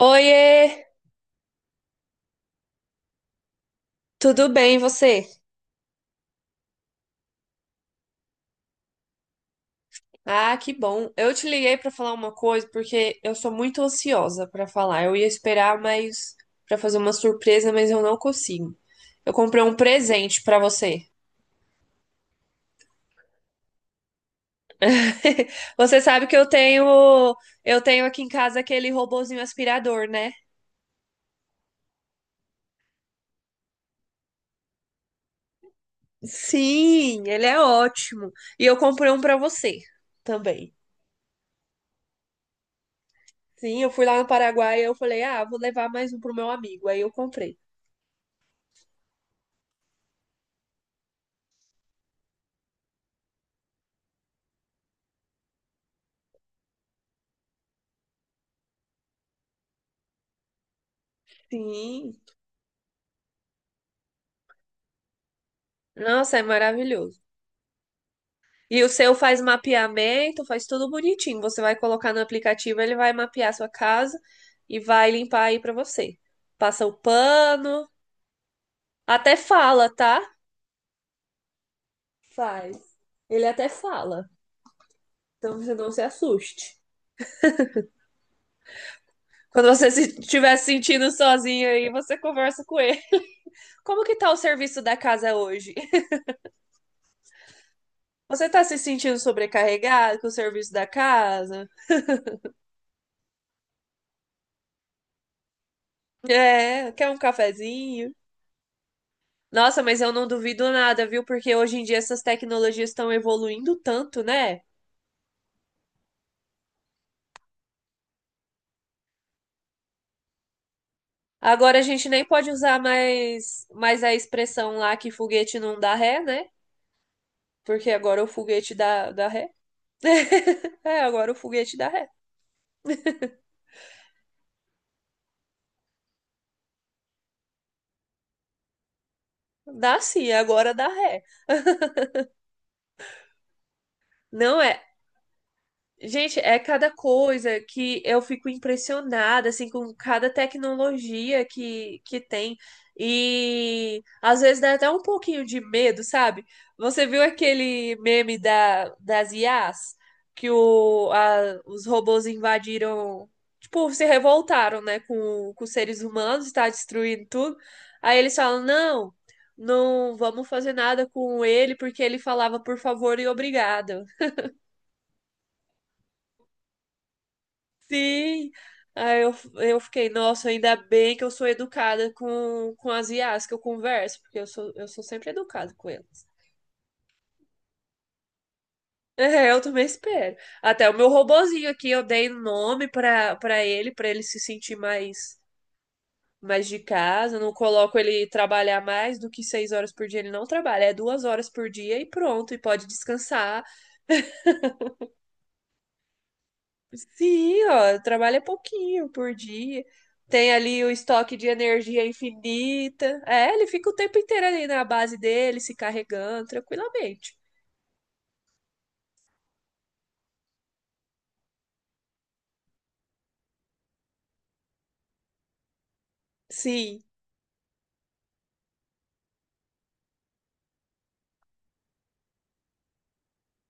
Oiê, tudo bem e você? Ah, que bom. Eu te liguei para falar uma coisa porque eu sou muito ansiosa para falar. Eu ia esperar, mas para fazer uma surpresa, mas eu não consigo. Eu comprei um presente para você. Você sabe que eu tenho aqui em casa aquele robozinho aspirador, né? Sim, ele é ótimo. E eu comprei um para você também. Sim, eu fui lá no Paraguai e eu falei: "Ah, vou levar mais um pro meu amigo". Aí eu comprei. Sim. Nossa, é maravilhoso. E o seu faz mapeamento, faz tudo bonitinho. Você vai colocar no aplicativo, ele vai mapear a sua casa e vai limpar aí pra você. Passa o pano, até fala, tá? Faz. Ele até fala. Então você não se assuste. Quando você se estiver se sentindo sozinho aí, você conversa com ele. Como que tá o serviço da casa hoje? Você tá se sentindo sobrecarregado com o serviço da casa? É, quer um cafezinho? Nossa, mas eu não duvido nada, viu? Porque hoje em dia essas tecnologias estão evoluindo tanto, né? Agora a gente nem pode usar mais a expressão lá que foguete não dá ré, né? Porque agora o foguete dá ré. É, agora o foguete dá ré. Dá sim, agora dá ré. Não é. Gente, é cada coisa que eu fico impressionada, assim, com cada tecnologia que tem. E às vezes dá até um pouquinho de medo, sabe? Você viu aquele meme das IAs? Que os robôs invadiram, tipo, se revoltaram, né, com os seres humanos, está destruindo tudo. Aí eles falam, não, não vamos fazer nada com ele, porque ele falava por favor e obrigado. Sim. Aí eu fiquei, nossa, ainda bem que eu sou educada com as IAs que eu converso, porque eu sou, sempre educada com elas. É, eu também espero. Até o meu robozinho aqui, eu dei um nome para ele, para ele se sentir mais de casa. Eu Não coloco ele trabalhar mais do que seis horas por dia. Ele não trabalha, é duas horas por dia e pronto. E pode descansar. Sim, ó, trabalha pouquinho por dia. Tem ali o estoque de energia infinita. É, ele fica o tempo inteiro ali na base dele, se carregando tranquilamente. Sim.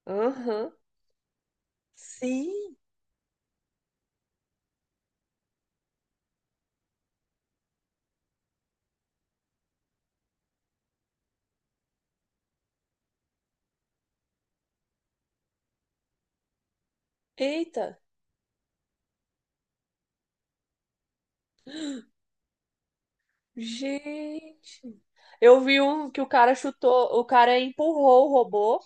Aham. Sim. Eita. Gente. Eu vi um que o cara chutou, o cara empurrou o robô.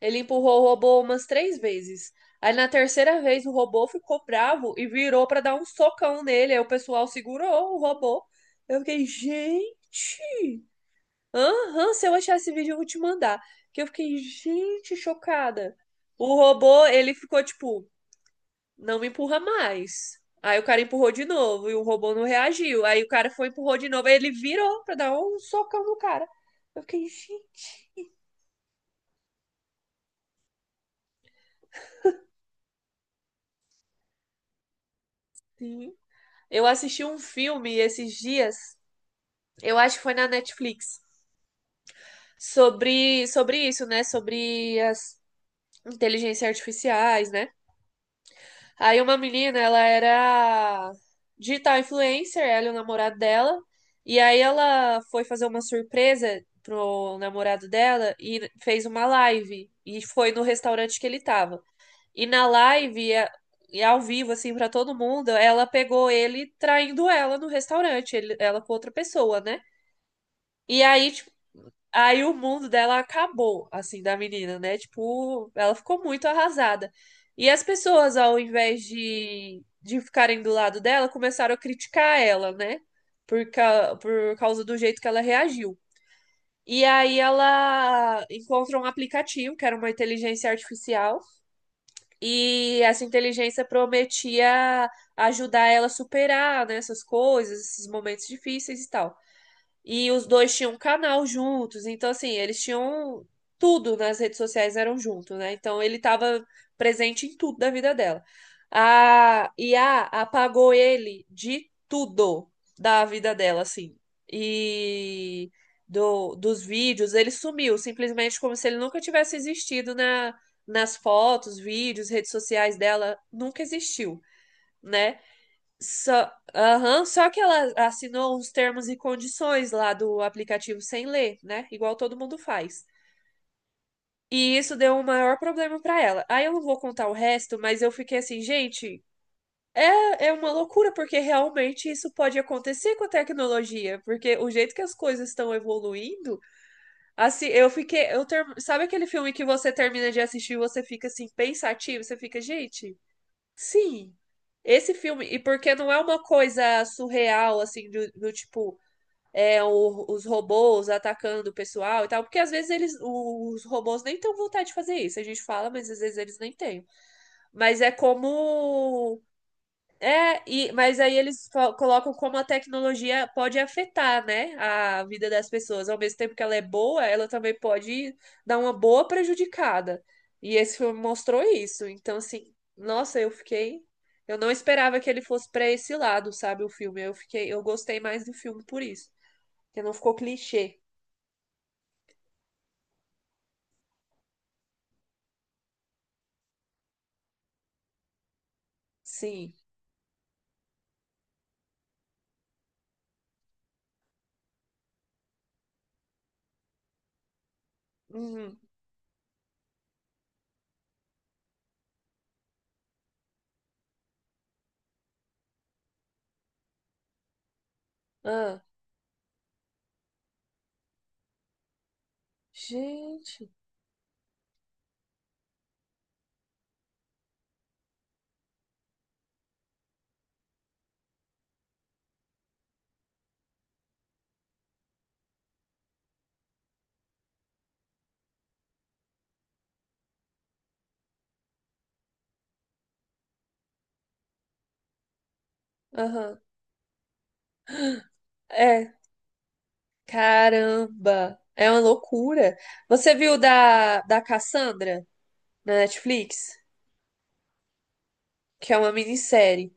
Ele empurrou o robô umas três vezes. Aí na terceira vez o robô ficou bravo e virou pra dar um socão nele. Aí o pessoal segurou o robô. Eu fiquei, gente. Aham, se eu achar esse vídeo, eu vou te mandar. Que eu fiquei, gente, chocada. O robô, ele ficou tipo, não me empurra mais. Aí o cara empurrou de novo e o robô não reagiu. Aí o cara foi, empurrou de novo. Aí ele virou pra dar um socão no cara. Eu fiquei, gente. Sim. Eu assisti um filme esses dias, eu acho que foi na Netflix, sobre isso, né? Sobre as inteligências artificiais, né? Aí uma menina, ela era digital influencer, ela e o namorado dela. E aí ela foi fazer uma surpresa pro namorado dela e fez uma live. E foi no restaurante que ele tava. E na live, e ao vivo, assim, pra todo mundo, ela pegou ele traindo ela no restaurante, ela com outra pessoa, né? E aí, Aí o mundo dela acabou, assim, da menina, né? Tipo, ela ficou muito arrasada. E as pessoas, ao invés de ficarem do lado dela, começaram a criticar ela, né? Por causa do jeito que ela reagiu. E aí ela encontrou um aplicativo, que era uma inteligência artificial, e essa inteligência prometia ajudar ela a superar, né, essas coisas, esses momentos difíceis e tal. E os dois tinham um canal juntos, então assim, eles tinham tudo nas redes sociais eram juntos, né? Então ele estava presente em tudo da vida dela. A I a apagou ele de tudo da vida dela, assim. E dos vídeos, ele sumiu, simplesmente como se ele nunca tivesse existido nas fotos, vídeos, redes sociais dela, nunca existiu, né? Só, aham, só que ela assinou uns termos e condições lá do aplicativo sem ler, né? Igual todo mundo faz. E isso deu um maior problema pra ela. Aí eu não vou contar o resto, mas eu fiquei assim, gente, é, é uma loucura, porque realmente isso pode acontecer com a tecnologia, porque o jeito que as coisas estão evoluindo, assim, eu fiquei, sabe aquele filme que você termina de assistir e você fica assim, pensativo, você fica, gente. Sim, esse filme, e porque não é uma coisa surreal, assim, do tipo, é, os robôs atacando o pessoal e tal, porque às vezes eles, os robôs nem têm vontade de fazer isso, a gente fala, mas às vezes eles nem têm. Mas é como é, e, mas aí eles colocam como a tecnologia pode afetar, né, a vida das pessoas. Ao mesmo tempo que ela é boa, ela também pode dar uma boa prejudicada. E esse filme mostrou isso. Então, assim, nossa, eu fiquei. Eu não esperava que ele fosse para esse lado, sabe, o filme. Eu fiquei, eu gostei mais do filme por isso. Porque não ficou clichê. Sim. Uhum. Ah, gente. Aham. É, Caramba, é uma loucura. Você viu da Cassandra na Netflix? Que é uma minissérie,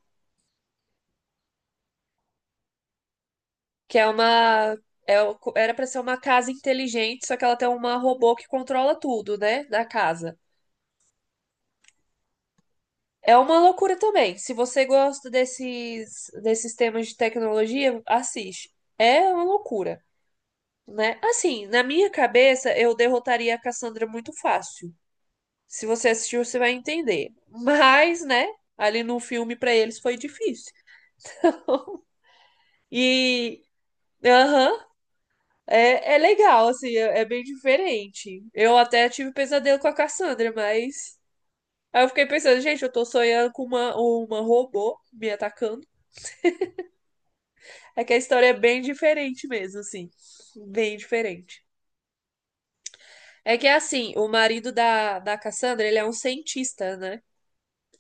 que é uma é o- era pra ser uma casa inteligente, só que ela tem uma robô que controla tudo, né, da casa. É uma loucura também. Se você gosta desses temas de tecnologia, assiste. É uma loucura, né? Assim, na minha cabeça, eu derrotaria a Cassandra muito fácil. Se você assistiu, você vai entender. Mas, né? Ali no filme, para eles foi difícil. E. Aham. Uh-huh, é, é legal, assim, é, é bem diferente. Eu até tive pesadelo com a Cassandra, mas. Aí eu fiquei pensando, gente, eu tô sonhando com uma robô me atacando. É que a história é bem diferente mesmo, assim. Bem diferente. É que assim, o marido da Cassandra, ele é um cientista, né?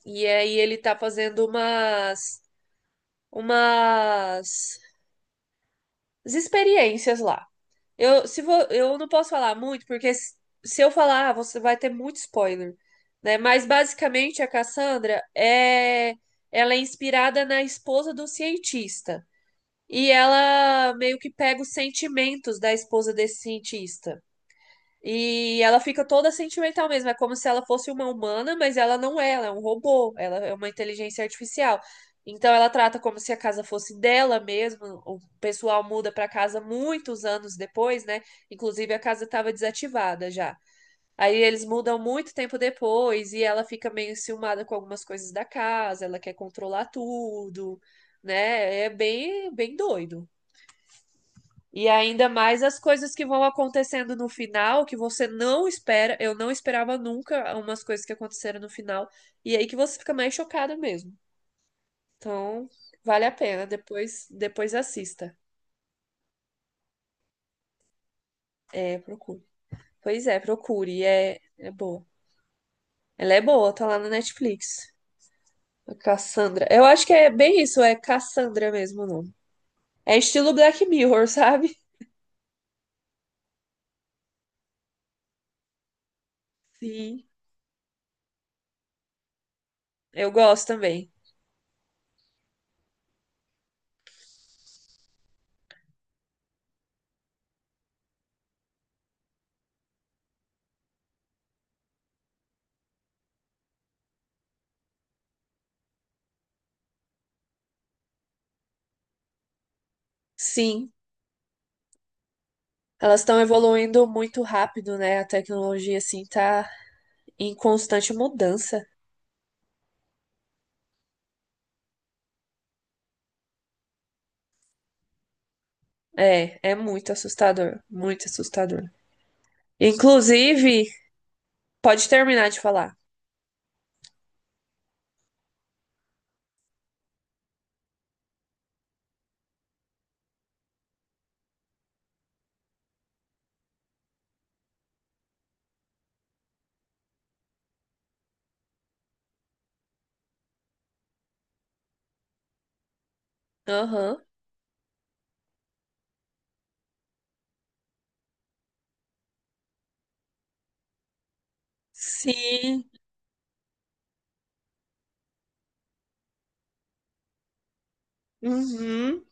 E aí ele tá fazendo umas. Umas as experiências lá. Eu, se vou, eu não posso falar muito, porque se eu falar, você vai ter muito spoiler, né? Mas basicamente a Cassandra é ela é inspirada na esposa do cientista. E ela meio que pega os sentimentos da esposa desse cientista. E ela fica toda sentimental mesmo, é como se ela fosse uma humana, mas ela não é, ela é um robô, ela é uma inteligência artificial. Então ela trata como se a casa fosse dela mesmo. O pessoal muda para casa muitos anos depois, né? Inclusive a casa estava desativada já. Aí eles mudam muito tempo depois e ela fica meio enciumada com algumas coisas da casa, ela quer controlar tudo, né? É bem, bem doido. E ainda mais as coisas que vão acontecendo no final, que você não espera. Eu não esperava nunca umas coisas que aconteceram no final. E aí que você fica mais chocada mesmo. Então, vale a pena. Depois assista. É, procure. Pois é, procure. É, é boa. Ela é boa, tá lá na Netflix. A Cassandra. Eu acho que é bem isso, é Cassandra mesmo o nome. É estilo Black Mirror, sabe? Sim. Eu gosto também. Sim. Elas estão evoluindo muito rápido, né? A tecnologia, assim, tá em constante mudança. É, é muito assustador, muito assustador. Inclusive, pode terminar de falar. Aham, sim, uhum.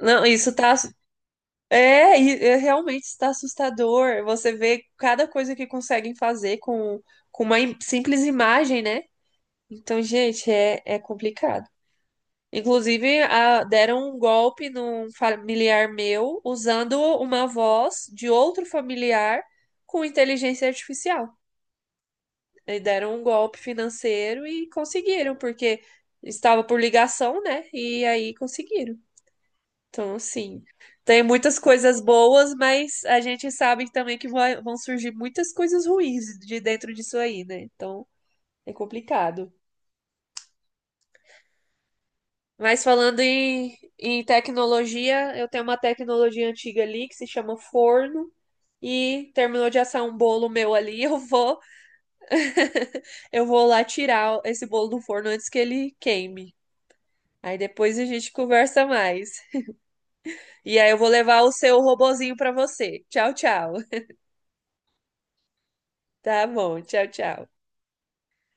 Não, isso tá... É, é, realmente está assustador. Você vê cada coisa que conseguem fazer com, uma simples imagem, né? Então, gente, é, é complicado. Inclusive, deram um golpe num familiar meu usando uma voz de outro familiar com inteligência artificial. E deram um golpe financeiro e conseguiram, porque estava por ligação, né? E aí conseguiram. Então, assim, tem muitas coisas boas, mas a gente sabe também que vão surgir muitas coisas ruins de dentro disso aí, né? Então, é complicado. Mas falando em tecnologia, eu tenho uma tecnologia antiga ali que se chama forno e terminou de assar um bolo meu ali, eu vou eu vou lá tirar esse bolo do forno antes que ele queime. Aí depois a gente conversa mais. E aí eu vou levar o seu robozinho para você. Tchau, tchau. Tá bom, tchau, tchau.